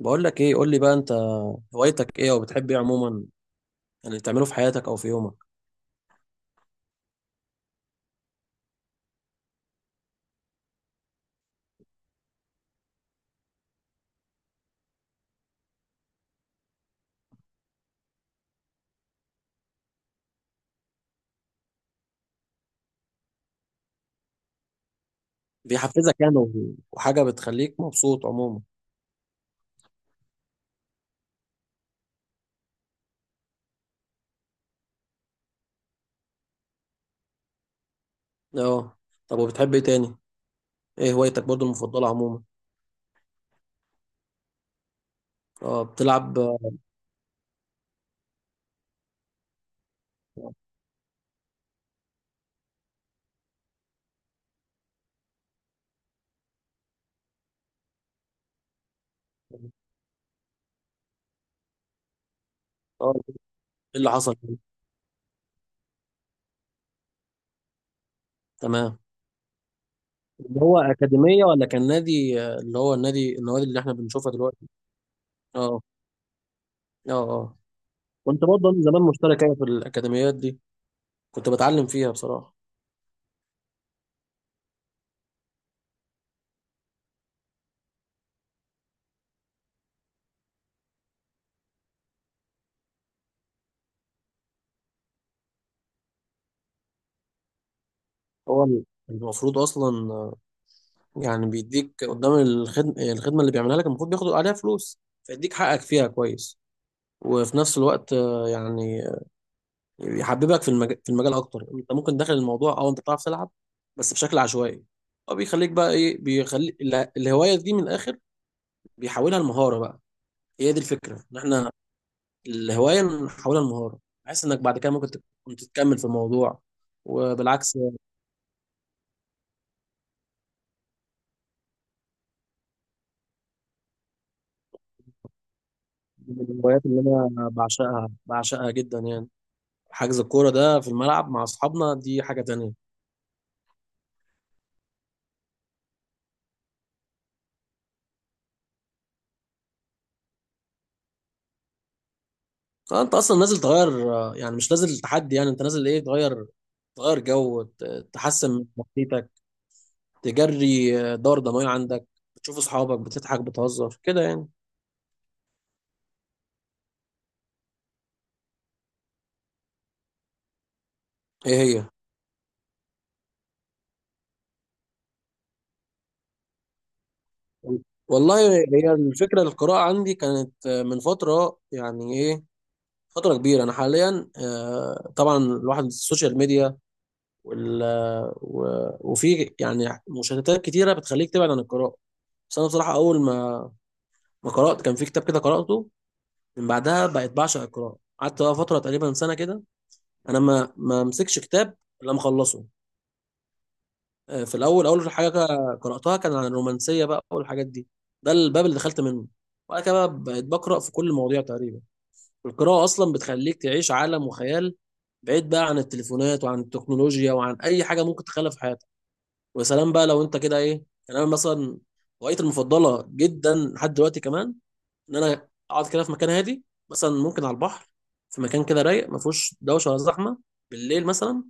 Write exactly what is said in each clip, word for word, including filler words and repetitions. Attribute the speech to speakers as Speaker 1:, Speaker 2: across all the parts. Speaker 1: بقول لك ايه؟ قول لي بقى، انت هوايتك ايه، او بتحب ايه عموما يعني تعمله في حياتك او في يومك؟ بيحفزك يعني و- وحاجه بتخليك مبسوط عموما؟ اه، طب وبتحب ايه تاني؟ ايه هوايتك برضو المفضله عموما؟ اه، بتلعب؟ اه. ايه اللي حصل؟ تمام. اللي هو اكاديميه ولا كان نادي؟ آه، اللي هو النادي، النوادي اللي احنا بنشوفها دلوقتي؟ اه. اه. اه، كنت برضه أنا زمان مشترك أوي في الاكاديميات دي، كنت بتعلم فيها بصراحه. هو المفروض اصلا، يعني بيديك قدام. الخدمة الخدمة اللي بيعملها لك المفروض بياخد عليها فلوس، فيديك حقك فيها كويس. وفي نفس الوقت آه، يعني يحببك في المجال في المجال اكتر، انت ممكن داخل الموضوع او انت بتعرف تلعب بس بشكل عشوائي، او بيخليك بقى ايه، بيخلي اله- الهواية دي من الاخر، بيحولها لمهارة بقى. هي دي الفكرة، ان احنا الهواية نحولها لمهارة، بحيث انك بعد كده ممكن تكون تتكمل في الموضوع. وبالعكس. من الهوايات اللي انا بعشقها، بعشقها جدا يعني، حجز الكوره ده في الملعب مع اصحابنا دي حاجه تانية. آه، انت اصلا نازل تغير، آه، يعني مش نازل تحدي، يعني انت نازل ايه، تغير، تغير جو، ت- تحسن من نفسيتك، تجري آه، دورة دموية عندك، بتشوف اصحابك، بتضحك بتهزر كده يعني. ايه هي؟ والله، هي الفكرة، القراءة عندي كانت آه، من فترة يعني، ايه، فترة كبيرة. أنا حاليا آه، طبعا الواحد السوشيال ميديا وال آه، و- وفي يعني مشتتات كتيرة بتخليك تبعد عن القراءة. بس أنا بصراحة أول ما ما قرأت، كان في كتاب كده قرأته، من بعدها بقيت بعشق القراءة، قعدت بقى فترة تقريبا سنة كده، أنا ما ما مسكش كتاب إلا مخلصه. آه، في الأول، أول حاجة قرأتها كان عن الرومانسية بقى والحاجات دي، ده الباب اللي دخلت منه، وبعد كده بقى بقيت بقرأ في كل المواضيع تقريبا. القراءة أصلا بتخليك تعيش عالم وخيال بعيد بقى عن التليفونات وعن التكنولوجيا وعن أي حاجة ممكن تخلف في حياتك. ويا سلام بقى لو أنت كده إيه. يعني أنا مثلا، هوايتي المفضلة جدا لحد دلوقتي كمان، ان انا اقعد كده في مكان هادي، مثلا ممكن على البحر، في مكان كده رايق، ما فيهوش دوشه ولا زحمه، بالليل مثلا،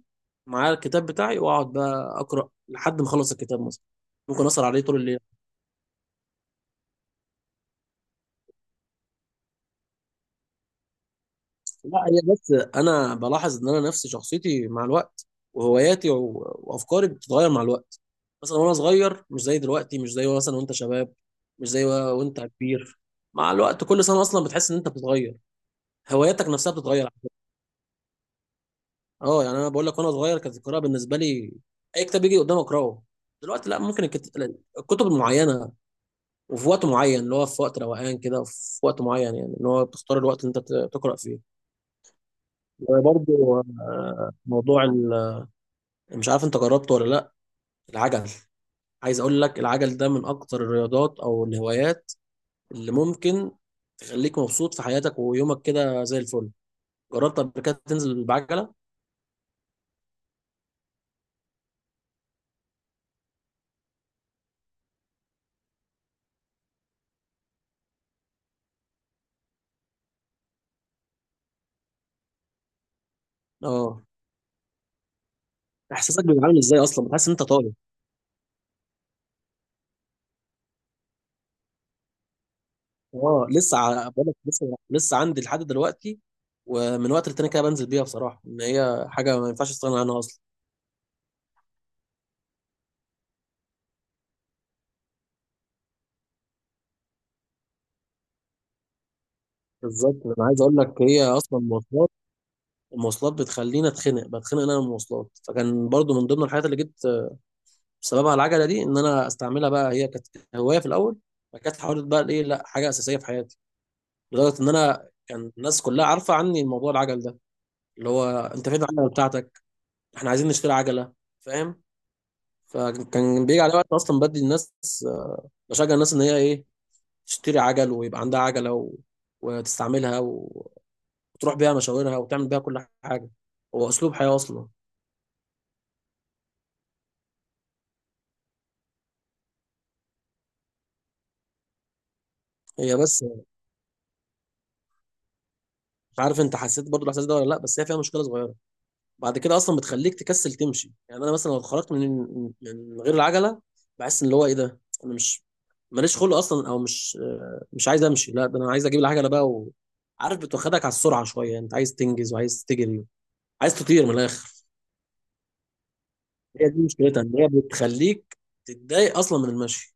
Speaker 1: معايا الكتاب بتاعي، واقعد بقى اقرا لحد ما اخلص الكتاب مثلا، ممكن اسهر عليه طول الليل. لا، هي بس انا بلاحظ ان انا نفسي شخصيتي مع الوقت، وهواياتي و- وافكاري بتتغير مع الوقت. مثلا وانا صغير مش زي دلوقتي، مش زي مثلا وانت شباب، مش زي و- وانت كبير. مع الوقت كل سنه اصلا بتحس ان انت بتتغير، هواياتك نفسها بتتغير. اه، يعني انا بقول لك وانا صغير كانت القراءه بالنسبه لي اي كتاب يجي قدامي اقراه. دلوقتي لا، ممكن الكت- الكتب المعينه، وفي وقت معين، اللي هو في وقت روقان كده، وفي وقت معين يعني، اللي هو بتختار الوقت اللي انت ت- تقرا فيه. وبرضه آه، موضوع ال- مش عارف انت جربته ولا لا. العجل. عايز اقول لك، العجل ده من اكتر الرياضات او الهوايات اللي ممكن تخليك مبسوط في حياتك ويومك كده زي الفل. جربت قبل كده تنزل بعجله؟ اه. احساسك بيبقى عامل ازاي؟ اصلا بتحس ان انت طاير. اه، لسه ع- بقولك، لسه لسه عندي لحد دلوقتي، ومن وقت للتاني كده بنزل بيها، بصراحه ان هي حاجه ما ينفعش استغنى عنها اصلا. بالظبط، انا عايز اقول لك، هي اصلا المواصلات، المواصلات بتخليني اتخنق، بتخنق انا من المواصلات، فكان برضو من ضمن الحاجات اللي جبت بسببها العجله دي، ان انا استعملها بقى، هي كانت هوايه في الاول، فكانت حاولت بقى ايه لا حاجه اساسيه في حياتي، لدرجه ان انا كان الناس كلها عارفه عني الموضوع، العجل ده اللي هو، انت فين العجله بتاعتك؟ احنا عايزين نشتري عجله، فاهم. فكان بيجي على وقت اصلا بدي الناس، آه، بشجع الناس ان هي ايه، تشتري عجل ويبقى عندها عجله، و... وتستعملها، و... وتروح بيها مشاورها وتعمل بيها كل حاجه. هو اسلوب حياه اصلا. هي بس، مش عارف انت حسيت برضو الاحساس ده ولا لا، بس هي فيها مشكله صغيره. بعد كده اصلا بتخليك تكسل تمشي، يعني انا مثلا لو اتخرجت من من غير العجله، بحس ان اللي هو ايه، ده انا مش، ماليش خلق اصلا، او مش آه، مش عايز امشي، لا ده انا عايز اجيب العجله بقى و... عارف، بتوخدك على السرعه شويه، انت عايز تنجز وعايز تجري، عايز تطير من الاخر. هي دي مشكلتها، ان هي بتخليك تتضايق اصلا من المشي.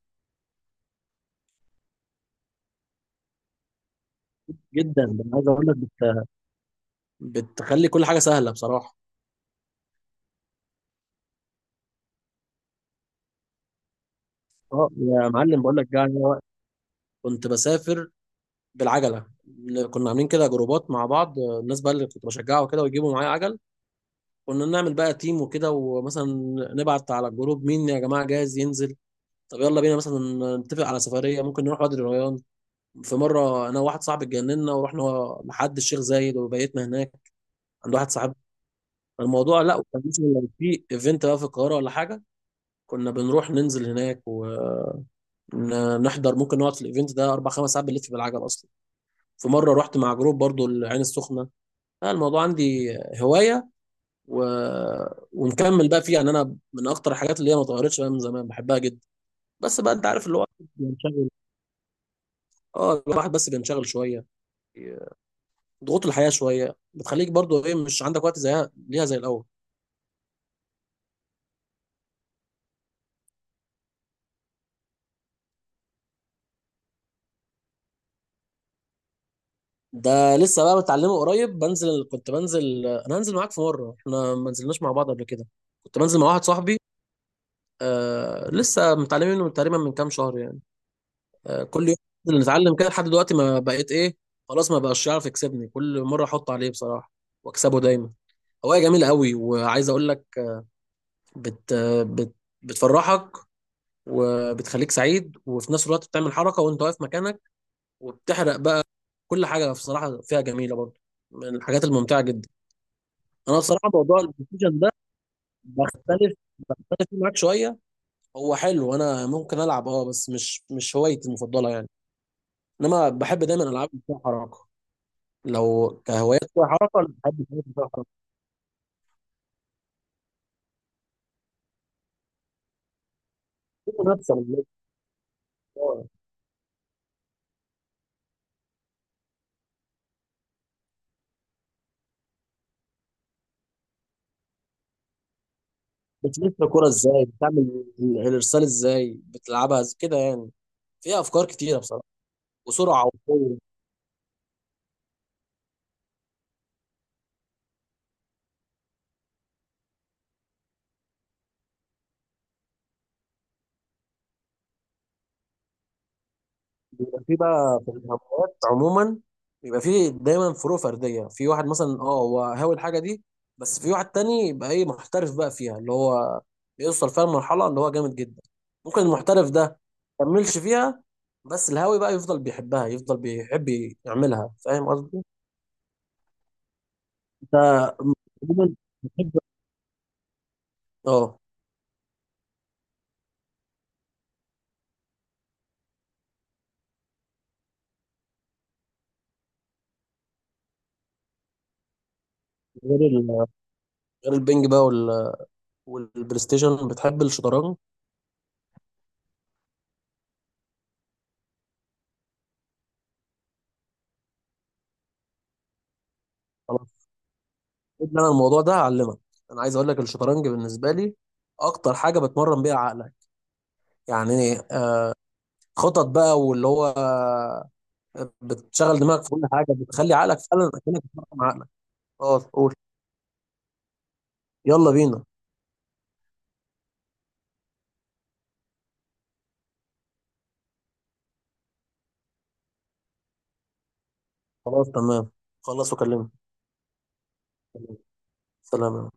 Speaker 1: جدا، ده انا عايز اقول لك، بت... بتخلي كل حاجه سهله بصراحه. اه يا معلم، بقول لك جاي، كنت بسافر بالعجله، كنا عاملين كده جروبات مع بعض، الناس بقى اللي كنت بشجعه كده ويجيبوا معايا عجل، كنا نعمل بقى تيم وكده، ومثلا نبعت على الجروب، مين يا جماعه جاهز ينزل، طب يلا بينا مثلا نتفق على سفريه، ممكن نروح وادي الريان. في مره انا وواحد صاحبي اتجننا ورحنا لحد الشيخ زايد، وبيتنا هناك عند واحد صاحبنا. الموضوع لا، وكان مثلا لو في ايفنت بقى في القاهره ولا حاجه، كنا بنروح ننزل هناك ونحضر، ممكن نقعد في الايفنت ده اربع خمس ساعات بنلف بالعجل اصلا. في مره رحت مع جروب برضو العين السخنه. لا، الموضوع عندي هوايه، و... ونكمل بقى فيه يعني، انا من اكتر الحاجات اللي هي ما اتغيرتش بقى من زمان بحبها جدا. بس بقى انت عارف اللي هو بينشغل. اه، الواحد بس بينشغل شويه، ضغوط الحياه شويه بتخليك برضو ايه، مش عندك وقت زيها، ليها زي الاول. ده لسه بقى متعلمه قريب، بنزل كنت بنزل، انا هنزل معاك في مره، احنا ما نزلناش مع بعض قبل كده، كنت بنزل مع واحد صاحبي. آه، لسه متعلمين منه تقريبا من كام شهر يعني. آه، كل يوم ننزل نتعلم كده لحد دلوقتي، ما بقيت ايه، خلاص ما بقاش يعرف يكسبني، كل مره احط عليه بصراحه واكسبه دايما. هوايه جميله قوي، وعايز اقول لك، بت بت بتفرحك وبتخليك سعيد، وفي نفس الوقت بتعمل حركه وانت واقف مكانك، وبتحرق بقى. كل حاجه بصراحه فيها جميله برضه، من الحاجات الممتعه جدا. انا بصراحه موضوع البلايستيشن ده، بختلف بختلف فيه معاك شويه. هو حلو، انا ممكن العب، اه، بس مش مش هوايتي المفضله يعني. انما بحب دايما العاب اللي فيها حركه. لو كهوايات فيها حركه، لا، بحب الحاجات اللي فيها حركه. في منافسه من الناس. آه. بتلف الكوره ازاي، بتعمل ال- الارسال ازاي، بتلعبها إز- كده يعني، فيها افكار كتيره بصراحه، وسرعه وقوه. بيبقى في بقى في الهوايات عموما، بيبقى في دايما فروق فرديه، في واحد مثلا اه هو هاوي الحاجه دي، بس في واحد تاني يبقى ايه، محترف بقى فيها اللي هو بيوصل فيها المرحله اللي هو جامد جدا. ممكن المحترف ده مكملش فيها، بس الهاوي بقى يفضل بيحبها، يفضل بيحب يعملها، فاهم قصدي؟ انت عموما بتحب اه، غير ال- غير البنج بقى وال- والبلاي ستيشن، بتحب الشطرنج؟ انا الموضوع ده هعلمك، انا عايز اقول لك الشطرنج بالنسبه لي اكتر حاجه بتمرن بيها عقلك، يعني آه، خطط بقى، واللي هو آه، بتشغل دماغك في كل حاجه، بتخلي عقلك فعلا اكنك بتمرن عقلك. خلاص، قول. يلا بينا. خلاص تمام، خلص وكلمني. سلام.